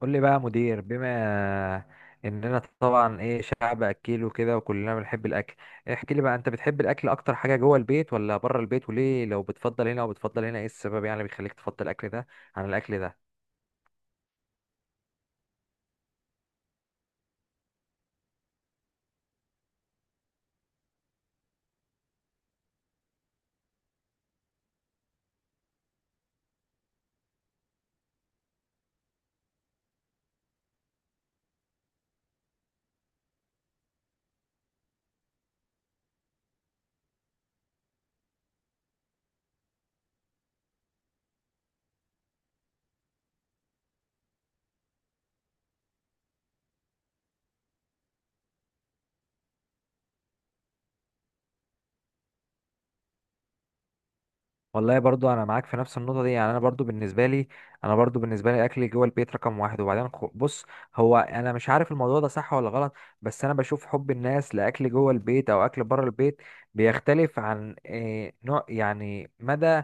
قول لي بقى يا مدير، بما اننا طبعا ايه شعب اكيل وكده، وكلنا بنحب الاكل. احكي لي بقى، انت بتحب الاكل اكتر حاجه جوه البيت ولا بره البيت؟ وليه؟ لو بتفضل هنا وبتفضل هنا، ايه السبب يعني اللي بيخليك تفضل الاكل ده عن الاكل ده؟ والله برضو انا معاك في نفس النقطه دي. يعني انا برضو بالنسبه لي اكل جوه البيت رقم واحد. وبعدين بص، هو انا مش عارف الموضوع ده صح ولا غلط، بس انا بشوف حب الناس لاكل جوه البيت او اكل بره البيت بيختلف عن إيه نوع يعني مدى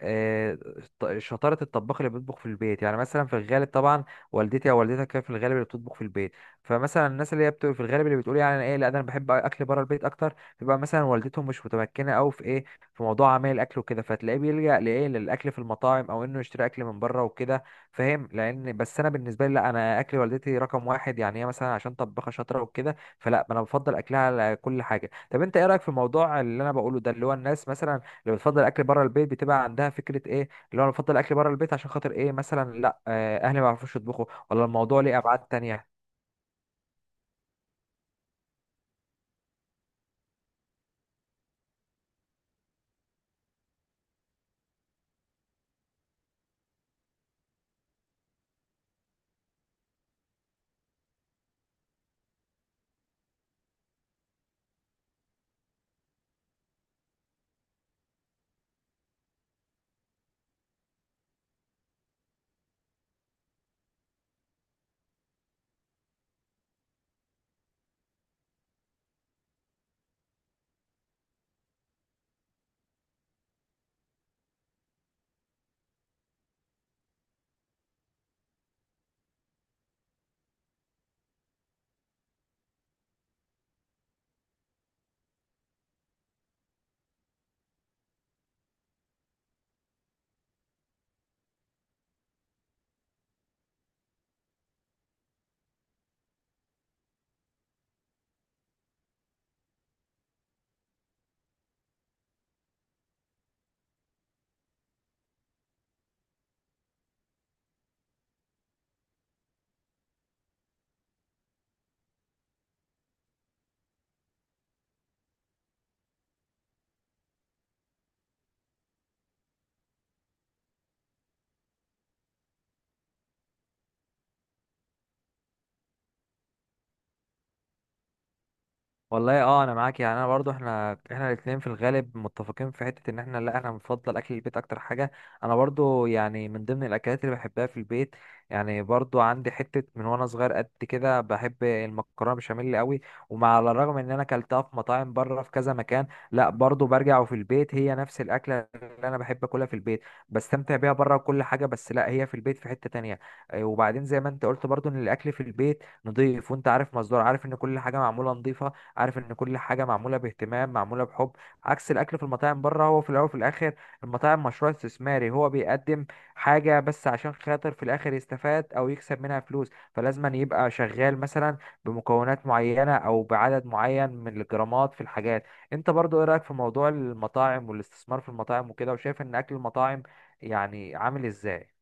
آه، شطارة الطباخ اللي بيطبخ في البيت. يعني مثلا في الغالب طبعا والدتي او والدتك كانت في الغالب اللي بتطبخ في البيت، فمثلا الناس اللي هي بتبقى في الغالب اللي بتقول يعني أنا ايه، لا ده انا بحب اكل بره البيت اكتر، بيبقى مثلا والدتهم مش متمكنة قوي في ايه، في موضوع عمل الاكل وكده، فتلاقيه بيلجأ لايه، للاكل في المطاعم او انه يشتري اكل من بره وكده. فاهم؟ لان بس انا بالنسبة لي لا، انا اكل والدتي رقم واحد، يعني هي مثلا عشان طباخة شاطرة وكده، فلا انا بفضل اكلها على كل حاجة. طب انت ايه رأيك في الموضوع اللي انا بقوله ده، اللي هو الناس مثلا اللي بتفضل الاكل بره البيت بتبقى عندها فكره ايه، اللي هو انا بفضل الاكل بره البيت عشان خاطر ايه، مثلا لا اهلي ما بيعرفوش يطبخوا، ولا الموضوع ليه ابعاد تانية؟ والله اه، انا معاك. يعني انا برضو، احنا الاثنين في الغالب متفقين في حته ان احنا لا، انا بفضل اكل البيت اكتر حاجه. انا برضو يعني من ضمن الاكلات اللي بحبها في البيت. يعني برضو عندي حته من وانا صغير قد كده بحب المكرونه بشاميل قوي. على الرغم ان انا اكلتها في مطاعم بره في كذا مكان، لا برضو برجع وفي البيت هي نفس الاكله اللي انا بحب اكلها في البيت. بستمتع بيها بره وكل حاجه، بس لا هي في البيت في حته تانية. وبعدين زي ما انت قلت برضو ان الاكل في البيت نضيف، وانت عارف عارف ان كل حاجه معموله نضيفه، عارف ان كل حاجه معموله باهتمام معموله بحب، عكس الاكل في المطاعم بره. هو في الاول وفي الاخر المطاعم مشروع استثماري، هو بيقدم حاجه بس عشان خاطر في الاخر يستفاد او يكسب منها فلوس، فلازم أن يبقى شغال مثلا بمكونات معينه او بعدد معين من الجرامات في الحاجات. انت برضو ايه رايك في موضوع المطاعم والاستثمار في المطاعم وكده، وشايف ان اكل المطاعم يعني عامل ازاي؟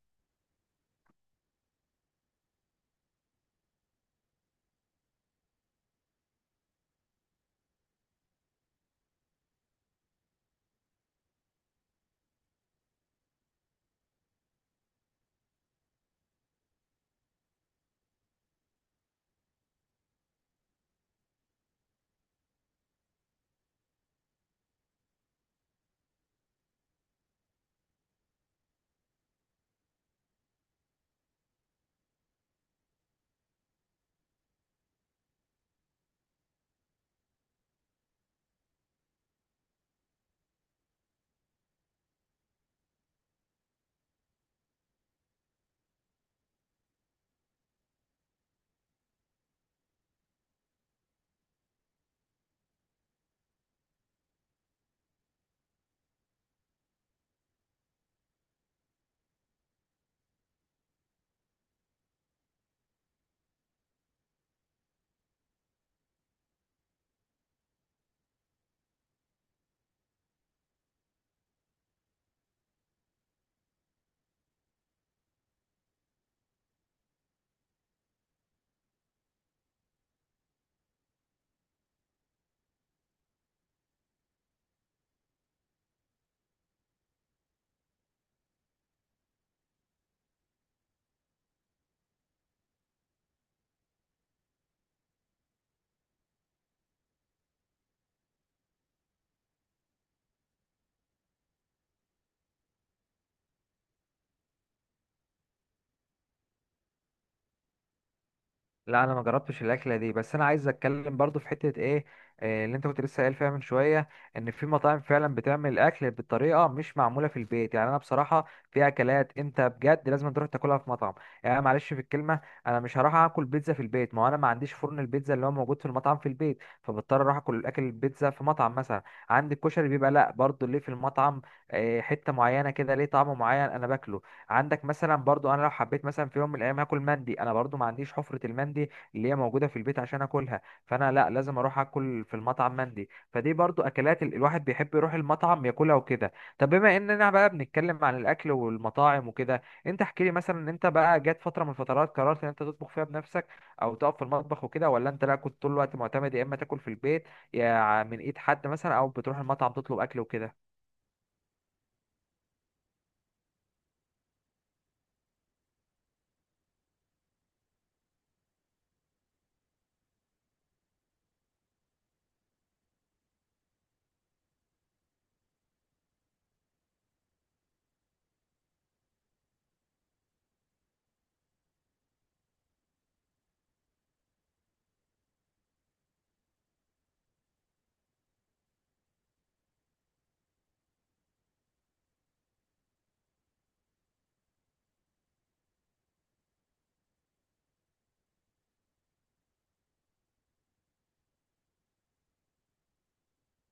لا انا ما جربتش الاكله دي، بس انا عايز اتكلم برضو في حته ايه، اللي انت كنت لسه قايل فيها من شويه. ان في مطاعم فعلا بتعمل الاكل بطريقه مش معموله في البيت. يعني انا بصراحه في اكلات انت بجد لازم تروح تاكلها في مطعم، يعني معلش في الكلمه. انا مش هروح اكل بيتزا في البيت، ما هو انا ما عنديش فرن البيتزا اللي هو موجود في المطعم في البيت، فبضطر اروح اكل الاكل البيتزا في مطعم مثلا. عندي الكشري بيبقى لا برضو ليه في المطعم حته معينه كده، ليه طعم معين انا باكله. عندك مثلا برضو انا لو حبيت مثلا في يوم من الايام هاكل مندي، انا برضو ما عنديش حفرة المندي اللي هي موجودة في البيت عشان اكلها، فانا لا لازم اروح اكل في المطعم مندي. فدي برضو اكلات الواحد بيحب يروح المطعم ياكلها وكده. طب بما اننا بقى بنتكلم عن الاكل والمطاعم وكده، انت احكي لي مثلا، إن انت بقى جات فترة من الفترات قررت ان انت تطبخ فيها بنفسك او تقف في المطبخ وكده، ولا انت لا كنت طول الوقت معتمد، يا اما تاكل في البيت يا من ايد حد مثلا، او بتروح المطعم تطلب اكل وكده؟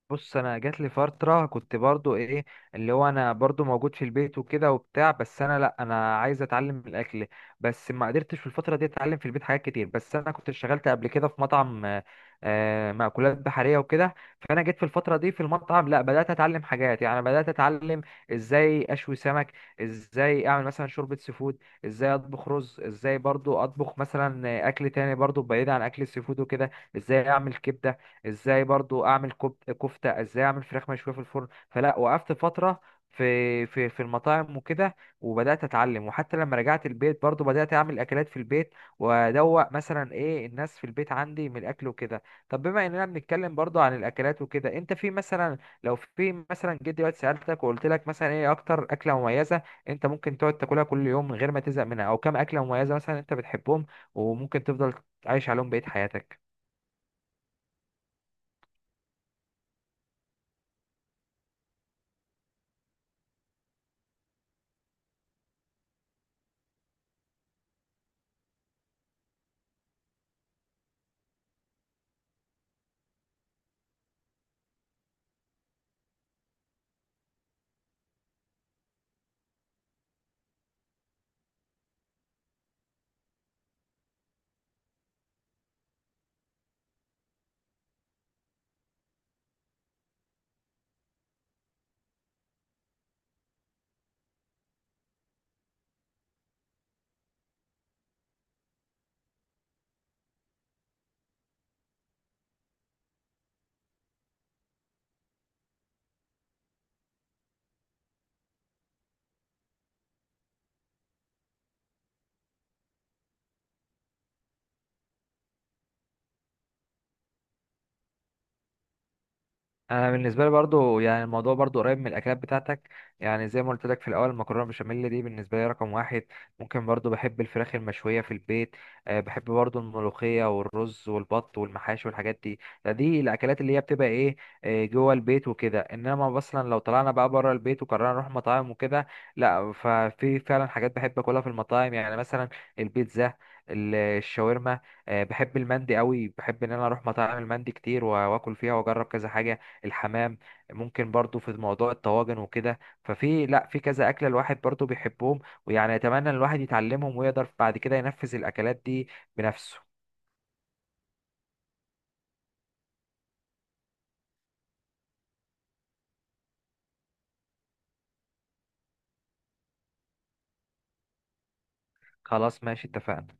بص، انا جات لي فتره كنت برضو ايه، اللي هو انا برضو موجود في البيت وكده وبتاع، بس انا لا انا عايز اتعلم الاكل. بس ما قدرتش في الفتره دي اتعلم في البيت حاجات كتير. بس انا كنت اشتغلت قبل كده في مطعم مأكولات بحريه وكده. فانا جيت في الفتره دي في المطعم لا بدات اتعلم حاجات، يعني بدات اتعلم ازاي اشوي سمك، ازاي اعمل مثلا شوربه سي فود، ازاي اطبخ رز، ازاي برضو اطبخ مثلا اكل تاني برضو بعيد عن اكل السي فود وكده، ازاي اعمل كبده، ازاي برضو اعمل كفته، ازاي اعمل فراخ مشويه في الفرن. فلا وقفت فتره في المطاعم وكده، وبدات اتعلم. وحتى لما رجعت البيت برضو بدات اعمل اكلات في البيت، وادوق مثلا ايه الناس في البيت عندي من الاكل وكده. طب بما اننا بنتكلم برضو عن الاكلات وكده، انت في مثلا، لو في مثلا جيت دلوقتي سالتك وقلت لك مثلا ايه اكتر اكله مميزه انت ممكن تقعد تاكلها كل يوم من غير ما تزهق منها، او كام اكله مميزه مثلا انت بتحبهم وممكن تفضل عايش عليهم بقيه حياتك؟ انا بالنسبه لي برضو يعني الموضوع برضو قريب من الاكلات بتاعتك. يعني زي ما قلت لك في الاول، المكرونه بشاميل دي بالنسبه لي رقم واحد. ممكن برضو بحب الفراخ المشويه في البيت. أه بحب برضو الملوخيه والرز والبط والمحاشي والحاجات دي، دي الاكلات اللي هي بتبقى ايه جوه البيت وكده. انما اصلا لو طلعنا بقى بره البيت وقررنا نروح مطاعم وكده، لا ففي فعلا حاجات بحب اكلها في المطاعم، يعني مثلا البيتزا، الشاورما. أه بحب المندي قوي، بحب ان انا اروح مطاعم المندي كتير واكل فيها واجرب كذا حاجه، الحمام. ممكن برضو في موضوع الطواجن وكده، ففي لا في كذا أكلة الواحد برضو بيحبهم، ويعني أتمنى إن الواحد يتعلمهم ويقدر بعد كده ينفذ الأكلات دي بنفسه. خلاص ماشي، اتفقنا.